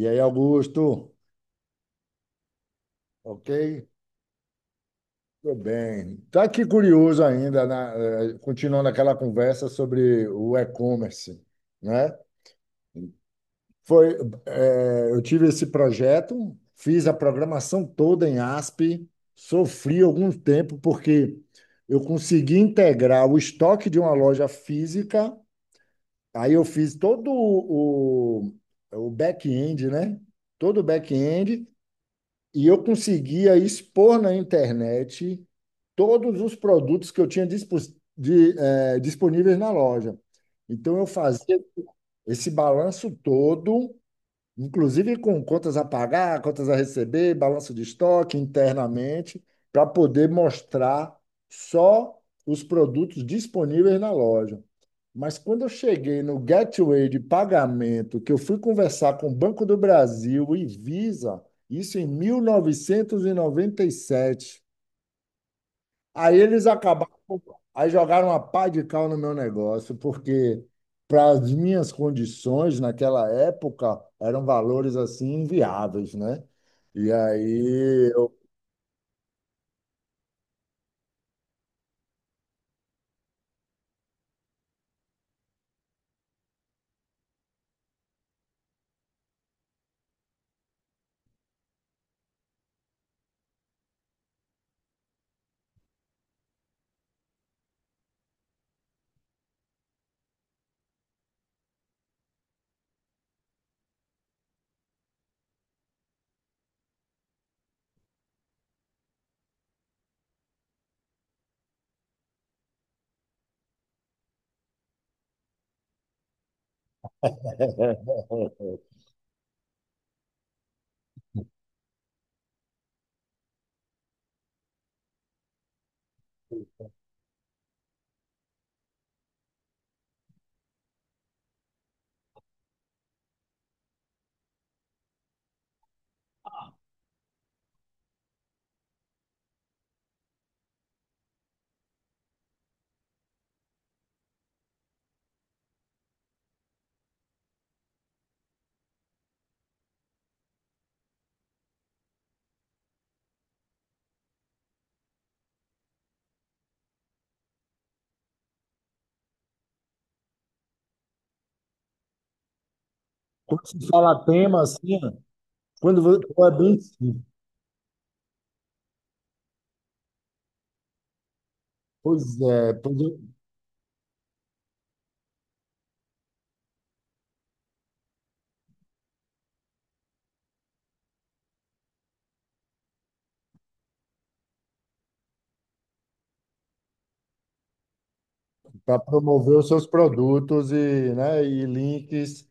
E aí, Augusto? Ok? Tudo bem. Tá aqui curioso ainda, continuando aquela conversa sobre o e-commerce, né? Foi, eu tive esse projeto, fiz a programação toda em ASP, sofri algum tempo porque eu consegui integrar o estoque de uma loja física, aí eu fiz todo o back-end, né? Todo o back-end. E eu conseguia expor na internet todos os produtos que eu tinha disponíveis na loja. Então, eu fazia esse balanço todo, inclusive com contas a pagar, contas a receber, balanço de estoque internamente, para poder mostrar só os produtos disponíveis na loja. Mas quando eu cheguei no gateway de pagamento, que eu fui conversar com o Banco do Brasil e Visa, isso em mil novecentos e noventa e sete. Aí eles acabaram, aí jogaram uma pá de cal no meu negócio, porque para as minhas condições naquela época eram valores assim inviáveis, né? E aí eu Quando se fala tema assim, é bem simples. Pois é, pois para promover os seus produtos e, né, e links.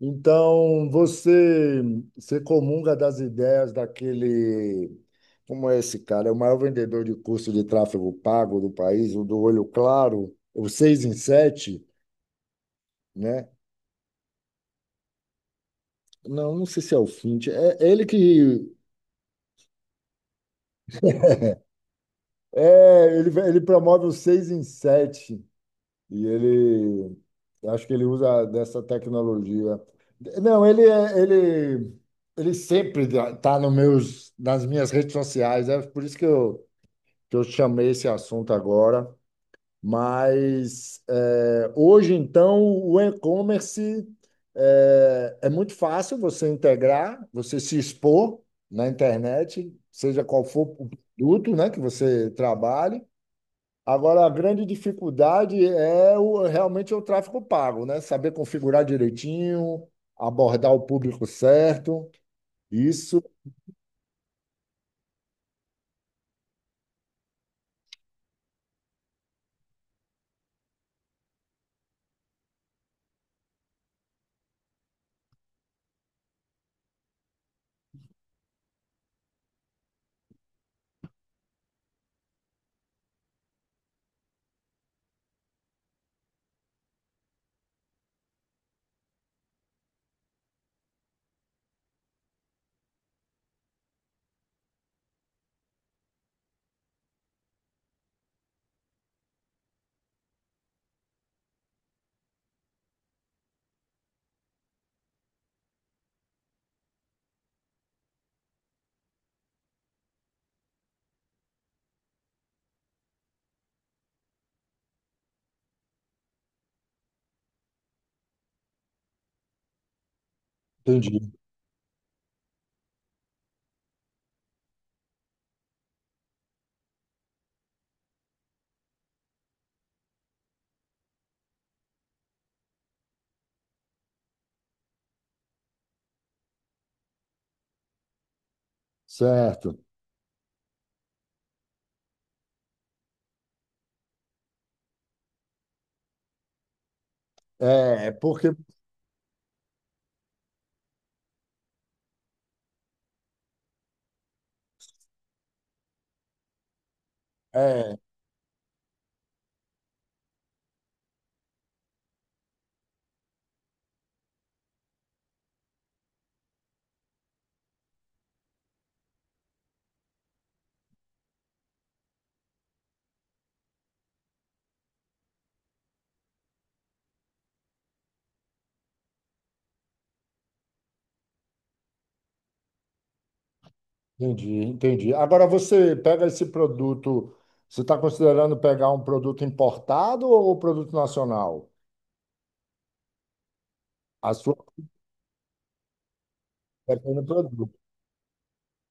Então, você comunga das ideias daquele, como é esse cara? É o maior vendedor de curso de tráfego pago do país, o do Olho Claro, o 6 em 7, né? Não, não sei se é o Fint. É é ele que é, ele promove o 6 em 7. E ele, acho que ele usa dessa tecnologia. Não, ele é- ele ele sempre está nos meus nas minhas redes sociais, é por isso que eu chamei esse assunto agora. Mas é, hoje então o e-commerce é muito fácil você integrar, você se expor na internet, seja qual for o produto, né, que você trabalhe. Agora, a grande dificuldade realmente é o tráfego pago, né? Saber configurar direitinho, abordar o público certo. Isso, entendi. Certo. É, porque. É, entendi, entendi. Agora, você pega esse produto, você está considerando pegar um produto importado ou um produto nacional? A sua.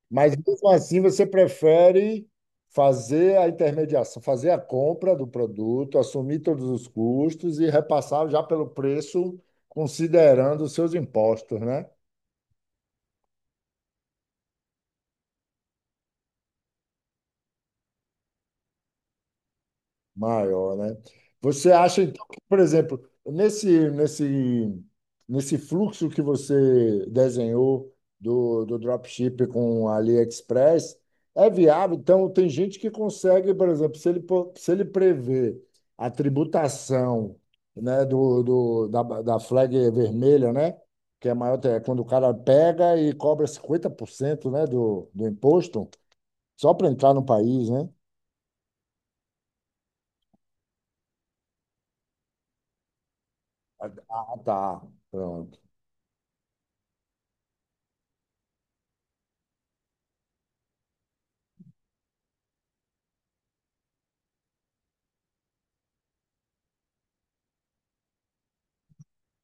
Mas mesmo assim, você prefere fazer a intermediação, fazer a compra do produto, assumir todos os custos e repassar já pelo preço, considerando os seus impostos, né? Maior, né? Você acha, então, que, por exemplo, nesse fluxo que você desenhou do dropship com a AliExpress, é viável? Então, tem gente que consegue, por exemplo, se ele prever a tributação, né, da flag vermelha, né? Que é maior, é quando o cara pega e cobra 50%, né, do imposto, só para entrar no país, né? Ah, tá. Pronto.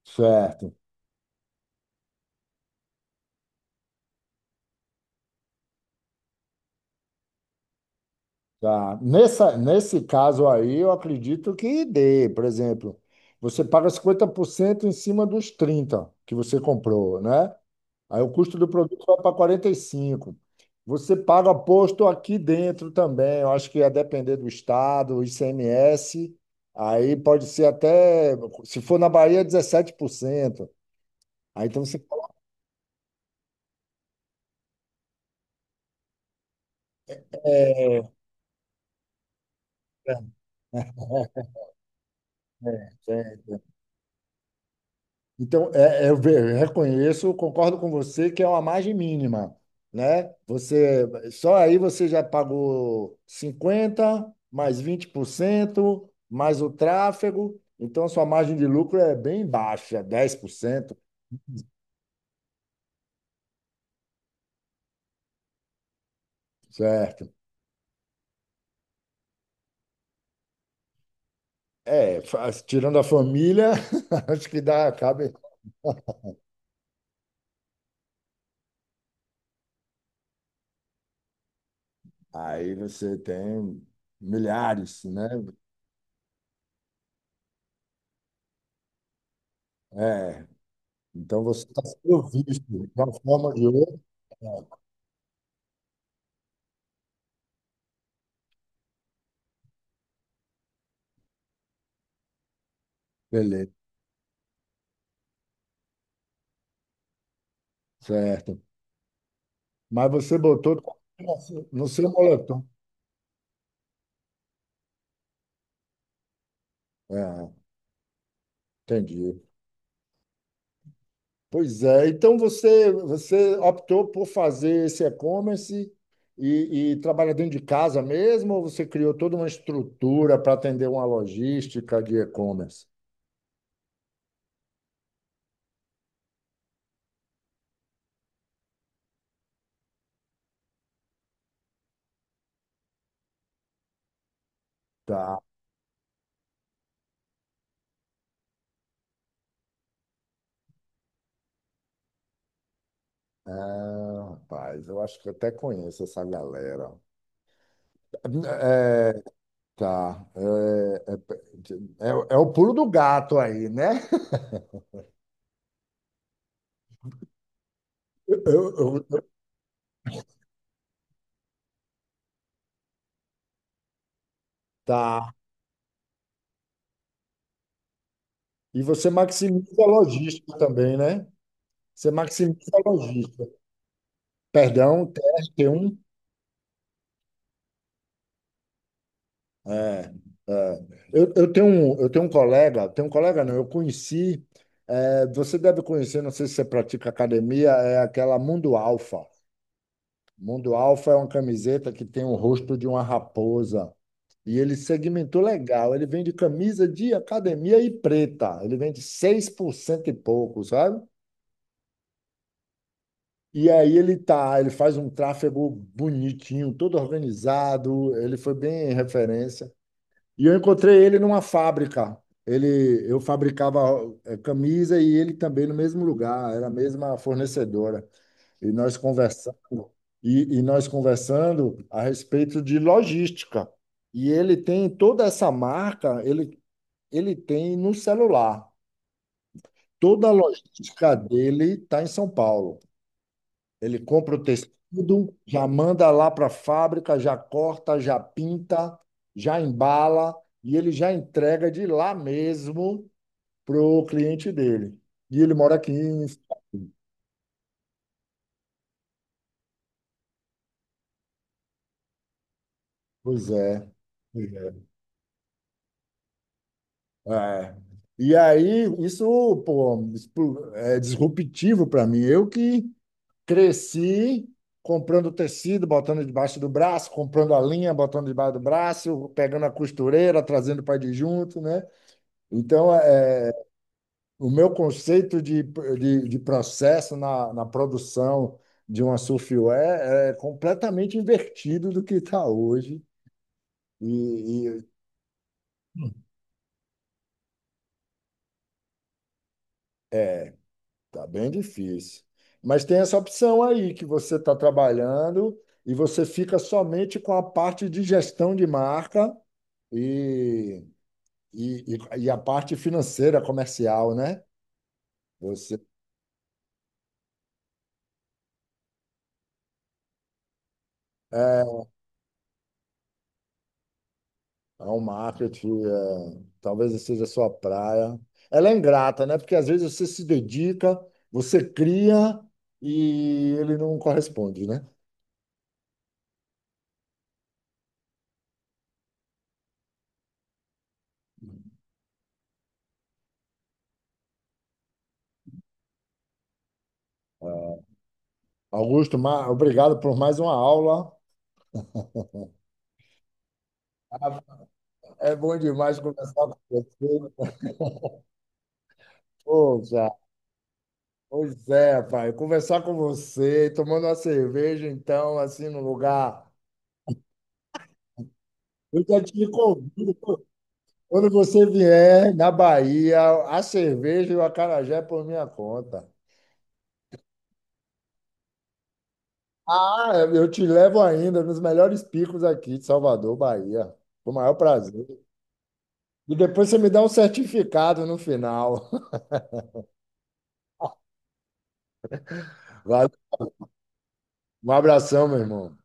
Certo, tá. Nesse caso aí, eu acredito que dê. Por exemplo, você paga 50% em cima dos 30 que você comprou, né? Aí o custo do produto vai para 45. Você paga posto aqui dentro também. Eu acho que ia depender do estado, o ICMS. Aí pode ser até, se for na Bahia, 17%. Aí então você paga. Então, eu reconheço, concordo com você que é uma margem mínima, né? Você só aí você já pagou 50 mais 20% mais o tráfego, então sua margem de lucro é bem baixa, 10%. Certo? É, tirando a família, acho que dá, cabe. Aí você tem milhares, né? É, então você está sendo visto de uma forma ou de outra. Beleza, certo. Mas você botou no seu moletom. Ah, entendi. Pois é. Então você optou por fazer esse e-commerce e trabalha dentro de casa mesmo, ou você criou toda uma estrutura para atender uma logística de e-commerce? Tá. Ah, rapaz, eu acho que eu até conheço essa galera. É, tá. É o pulo do gato aí, né? Eu- eu- tá. E você maximiza a logística também, né? Você maximiza a logística. Perdão, TR-T1. É, é. Eu tenho um colega não, eu conheci, é, você deve conhecer, não sei se você pratica academia, é aquela Mundo Alfa. Mundo Alfa é uma camiseta que tem o rosto de uma raposa. E ele segmentou legal. Ele vende camisa de academia e preta. Ele vende 6% e pouco, sabe? E aí ele tá, ele faz um tráfego bonitinho, todo organizado, ele foi bem referência. E eu encontrei ele numa fábrica. Eu fabricava camisa e ele também no mesmo lugar, era a mesma fornecedora. E nós conversando, a respeito de logística. E ele tem toda essa marca, ele, tem no celular. Toda a logística dele está em São Paulo. Ele compra o tecido, já manda lá para a fábrica, já corta, já pinta, já embala e ele já entrega de lá mesmo para o cliente dele. E ele mora aqui em... Pois é. Pois é. É. E aí, isso, pô, é disruptivo para mim. Eu que cresci comprando tecido, botando debaixo do braço, comprando a linha, botando debaixo do braço, pegando a costureira, trazendo para de junto, né? Então, o meu conceito de processo na produção de uma surfware é completamente invertido do que está hoje. E é, tá bem difícil. Mas tem essa opção aí que você está trabalhando e você fica somente com a parte de gestão de marca e, e a parte financeira comercial, né? Você é, Ao marketing, é, talvez essa seja a sua praia. Ela é ingrata, né? Porque às vezes você se dedica, você cria e ele não corresponde, né? É. Augusto, obrigado por mais uma aula. Ah, é bom demais conversar com você. Poxa, pois é, pai. Conversar com você, tomando uma cerveja, então, assim, no lugar. Eu já te convido. Quando você vier na Bahia, a cerveja e o acarajé é por minha conta. Ah, eu te levo ainda nos melhores picos aqui de Salvador, Bahia. Com o maior prazer. E depois você me dá um certificado no final. Vai, um abração, meu irmão.